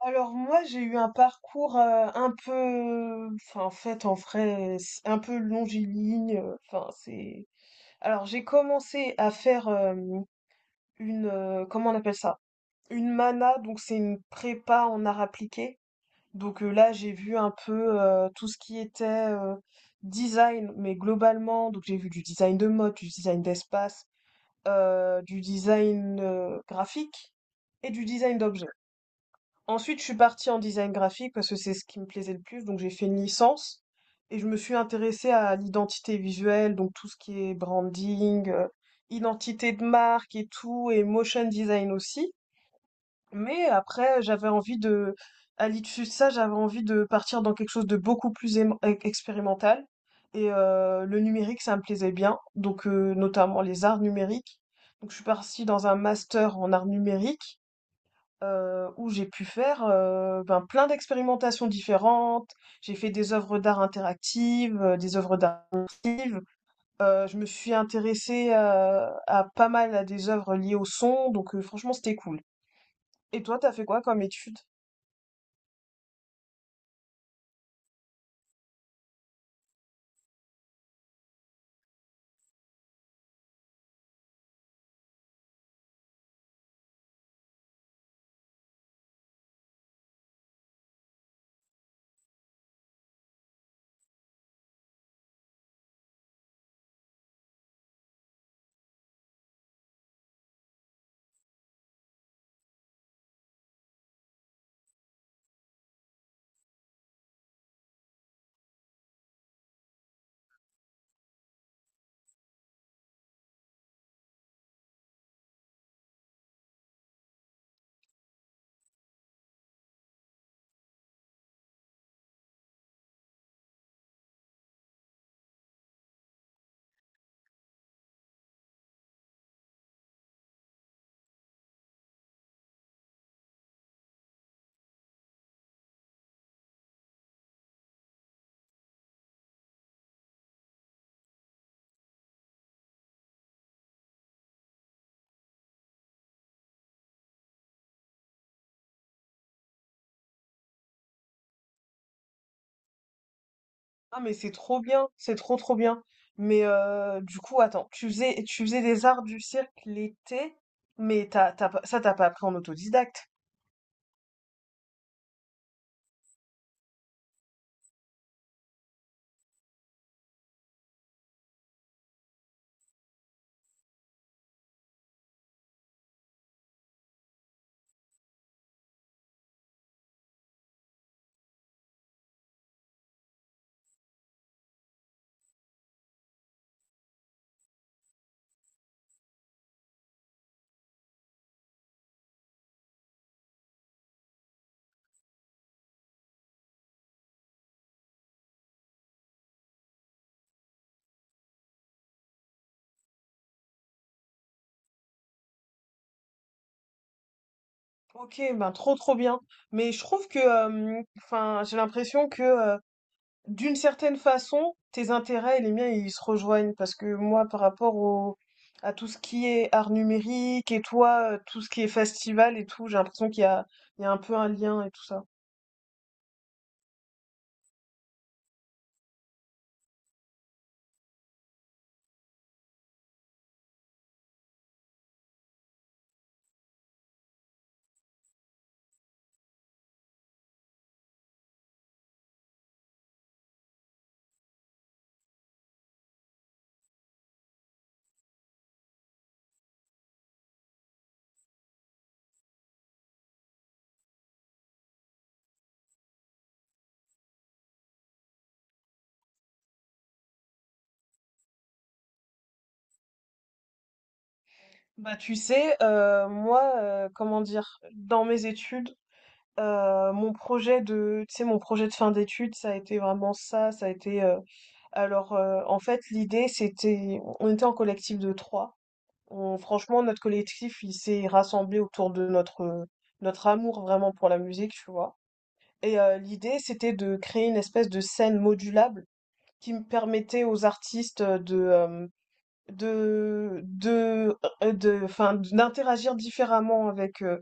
Alors moi, j'ai eu un parcours, un peu enfin, en fait, en vrai, c'est un peu longiligne, enfin, c'est alors j'ai commencé à faire, une, comment on appelle ça? Une MANA, donc c'est une prépa en arts appliqués. Donc, là, j'ai vu un peu, tout ce qui était, design, mais globalement, donc j'ai vu du design de mode, du design d'espace, du design, graphique et du design d'objets. Ensuite, je suis partie en design graphique parce que c'est ce qui me plaisait le plus, donc j'ai fait une licence et je me suis intéressée à l'identité visuelle, donc tout ce qui est branding, identité de marque et tout, et motion design aussi. Mais après, j'avais envie de, à l'issue de ça, j'avais envie de partir dans quelque chose de beaucoup plus expérimental. Le numérique, ça me plaisait bien, donc notamment les arts numériques. Donc je suis partie dans un master en arts numériques où j'ai pu faire ben, plein d'expérimentations différentes. J'ai fait des œuvres d'art interactives, des œuvres d'art immersives. Je me suis intéressée à pas mal à des œuvres liées au son, donc franchement c'était cool. Et toi, t'as fait quoi comme étude? Ah mais c'est trop bien, c'est trop trop bien. Mais du coup, attends, tu faisais des arts du cirque l'été, mais t'as, t'as pas- ça t'as pas appris en autodidacte. Ok, ben trop trop bien. Mais je trouve que, enfin, j'ai l'impression que d'une certaine façon, tes intérêts et les miens, ils se rejoignent parce que moi, par rapport au, à tout ce qui est art numérique et toi, tout ce qui est festival et tout, j'ai l'impression il y a un peu un lien et tout ça. Bah, tu sais, moi, comment dire, dans mes études, mon projet de, tu sais, mon projet de fin d'études, ça a été vraiment ça, ça a été, en fait, l'idée, c'était, on était en collectif de trois. On- franchement, notre collectif, il s'est rassemblé autour de notre, notre amour vraiment pour la musique, tu vois. Et l'idée, c'était de créer une espèce de scène modulable qui me permettait aux artistes de, de, enfin, d'interagir différemment avec, euh,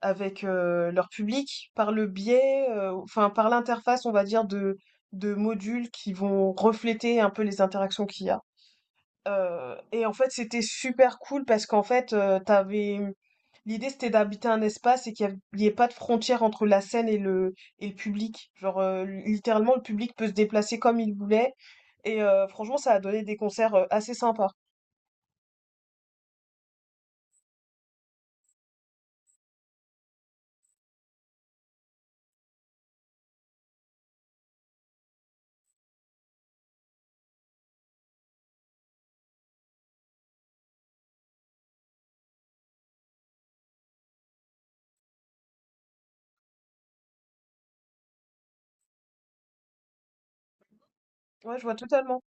avec euh, leur public par le biais, enfin, par l'interface, on va dire, de modules qui vont refléter un peu les interactions qu'il y a. Heu et en fait, c'était super cool parce qu'en fait, tu l'idée, c'était d'habiter un espace et qu'il y av ait pas de frontière entre la scène et le public. Genre, littéralement, le public peut se déplacer comme il voulait et franchement, ça a donné des concerts, assez sympas. Ouais, je vois totalement.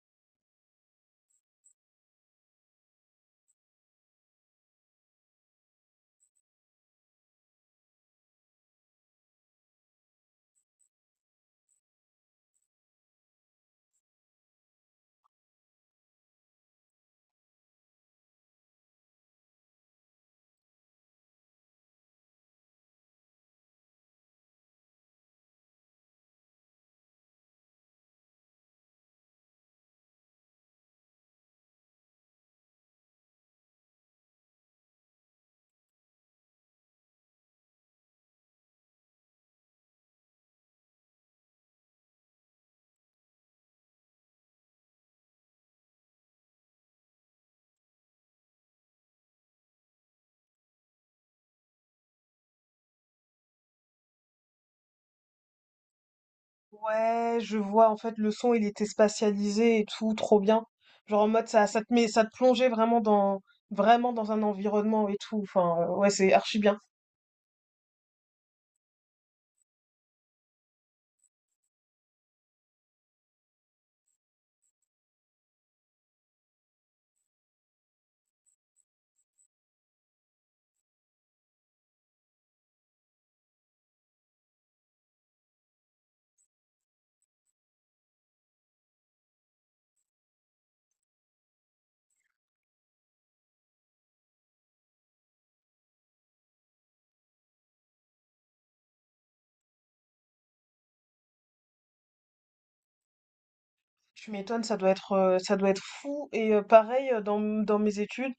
Ouais, je vois, en fait, le son, il était spatialisé et tout, trop bien. Genre, en mode, ça te plongeait vraiment dans un environnement et tout. Enfin, ouais, c'est archi bien. Tu m'étonnes, ça doit être fou. Et pareil, dans mes études,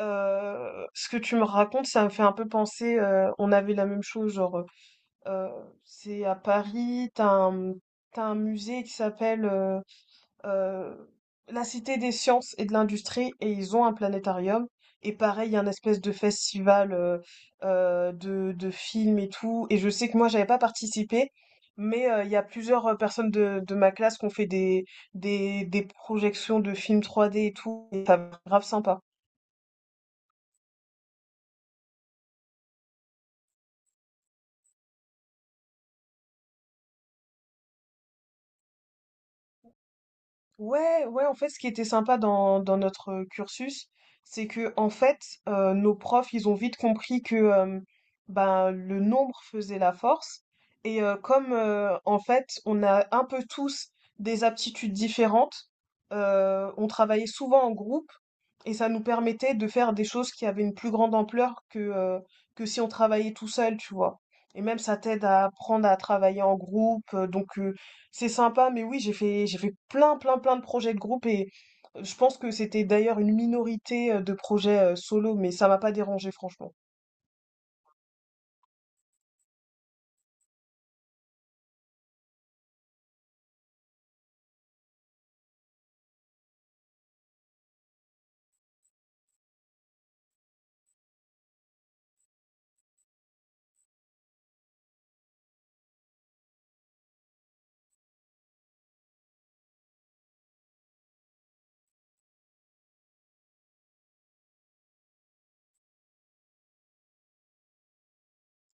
ce que tu me racontes, ça me fait un peu penser, on avait la même chose, genre, euh, c'est à Paris, t'as un musée qui s'appelle euh, la Cité des Sciences et de l'Industrie et ils ont un planétarium. Et pareil, il y a un espèce de festival de films et tout. Et je sais que moi, j'avais pas participé, mais il y a plusieurs personnes de ma classe qui ont fait des projections de films trois d et tout. Et ça grave sympa. Ouais, ouais, en fait, ce qui était sympa dans notre cursus, c'est que, en fait, nos profs, ils ont vite compris que ben, le nombre faisait la force. Et en fait, on a un peu tous des aptitudes différentes, on travaillait souvent en groupe et ça nous permettait de faire des choses qui avaient une plus grande ampleur que si on travaillait tout seul, tu vois. Et même, ça t'aide à apprendre à travailler en groupe. Donc, c'est sympa, mais oui, j'ai fait plein, plein, plein de projets de groupe et je pense que c'était d'ailleurs une minorité de projets solo, mais ça m'a pas dérangé, franchement.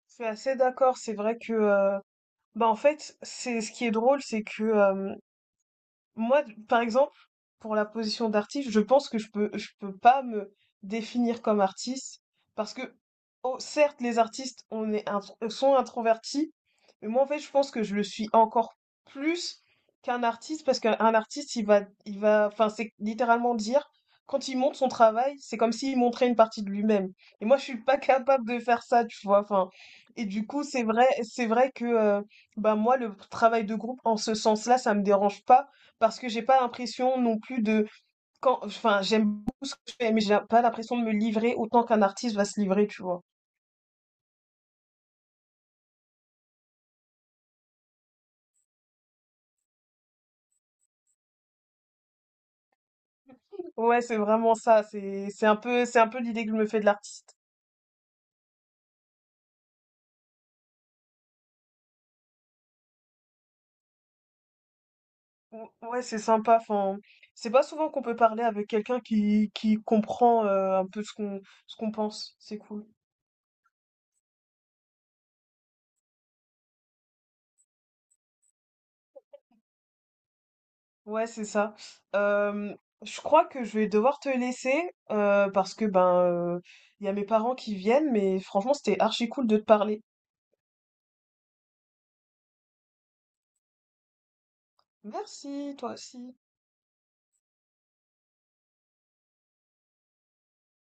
Je suis assez d'accord, c'est vrai que, bah en fait, c'est ce qui est drôle, c'est que moi, par exemple, pour la position d'artiste, je pense que je peux pas me définir comme artiste parce que, oh, certes, les artistes sont introvertis, mais moi, en fait, je pense que je le suis encore plus qu'un artiste parce qu'un un artiste, il va, enfin, c'est littéralement dire quand il montre son travail, c'est comme s'il montrait une partie de lui-même. Et moi, je suis pas capable de faire ça, tu vois. Enfin, et du coup, c'est vrai que, bah, moi, le travail de groupe, en ce sens-là, ça me dérange pas parce que j'ai pas l'impression non plus de quand enfin, j'aime beaucoup ce que je fais, mais j'ai pas l'impression de me livrer autant qu'un artiste va se livrer, tu vois? Ouais, c'est vraiment ça, c'est un peu c'est un peu l'idée que je me fais de l'artiste. Ou- Ouais, c'est sympa, enfin, c'est pas souvent qu'on peut parler avec quelqu'un qui comprend un peu ce qu'on pense, c'est cool. Ouais, c'est ça. Euh, je crois que je vais devoir te laisser parce que ben euh, il y a mes parents qui viennent, mais franchement, c'était archi cool de te parler. Merci, toi aussi.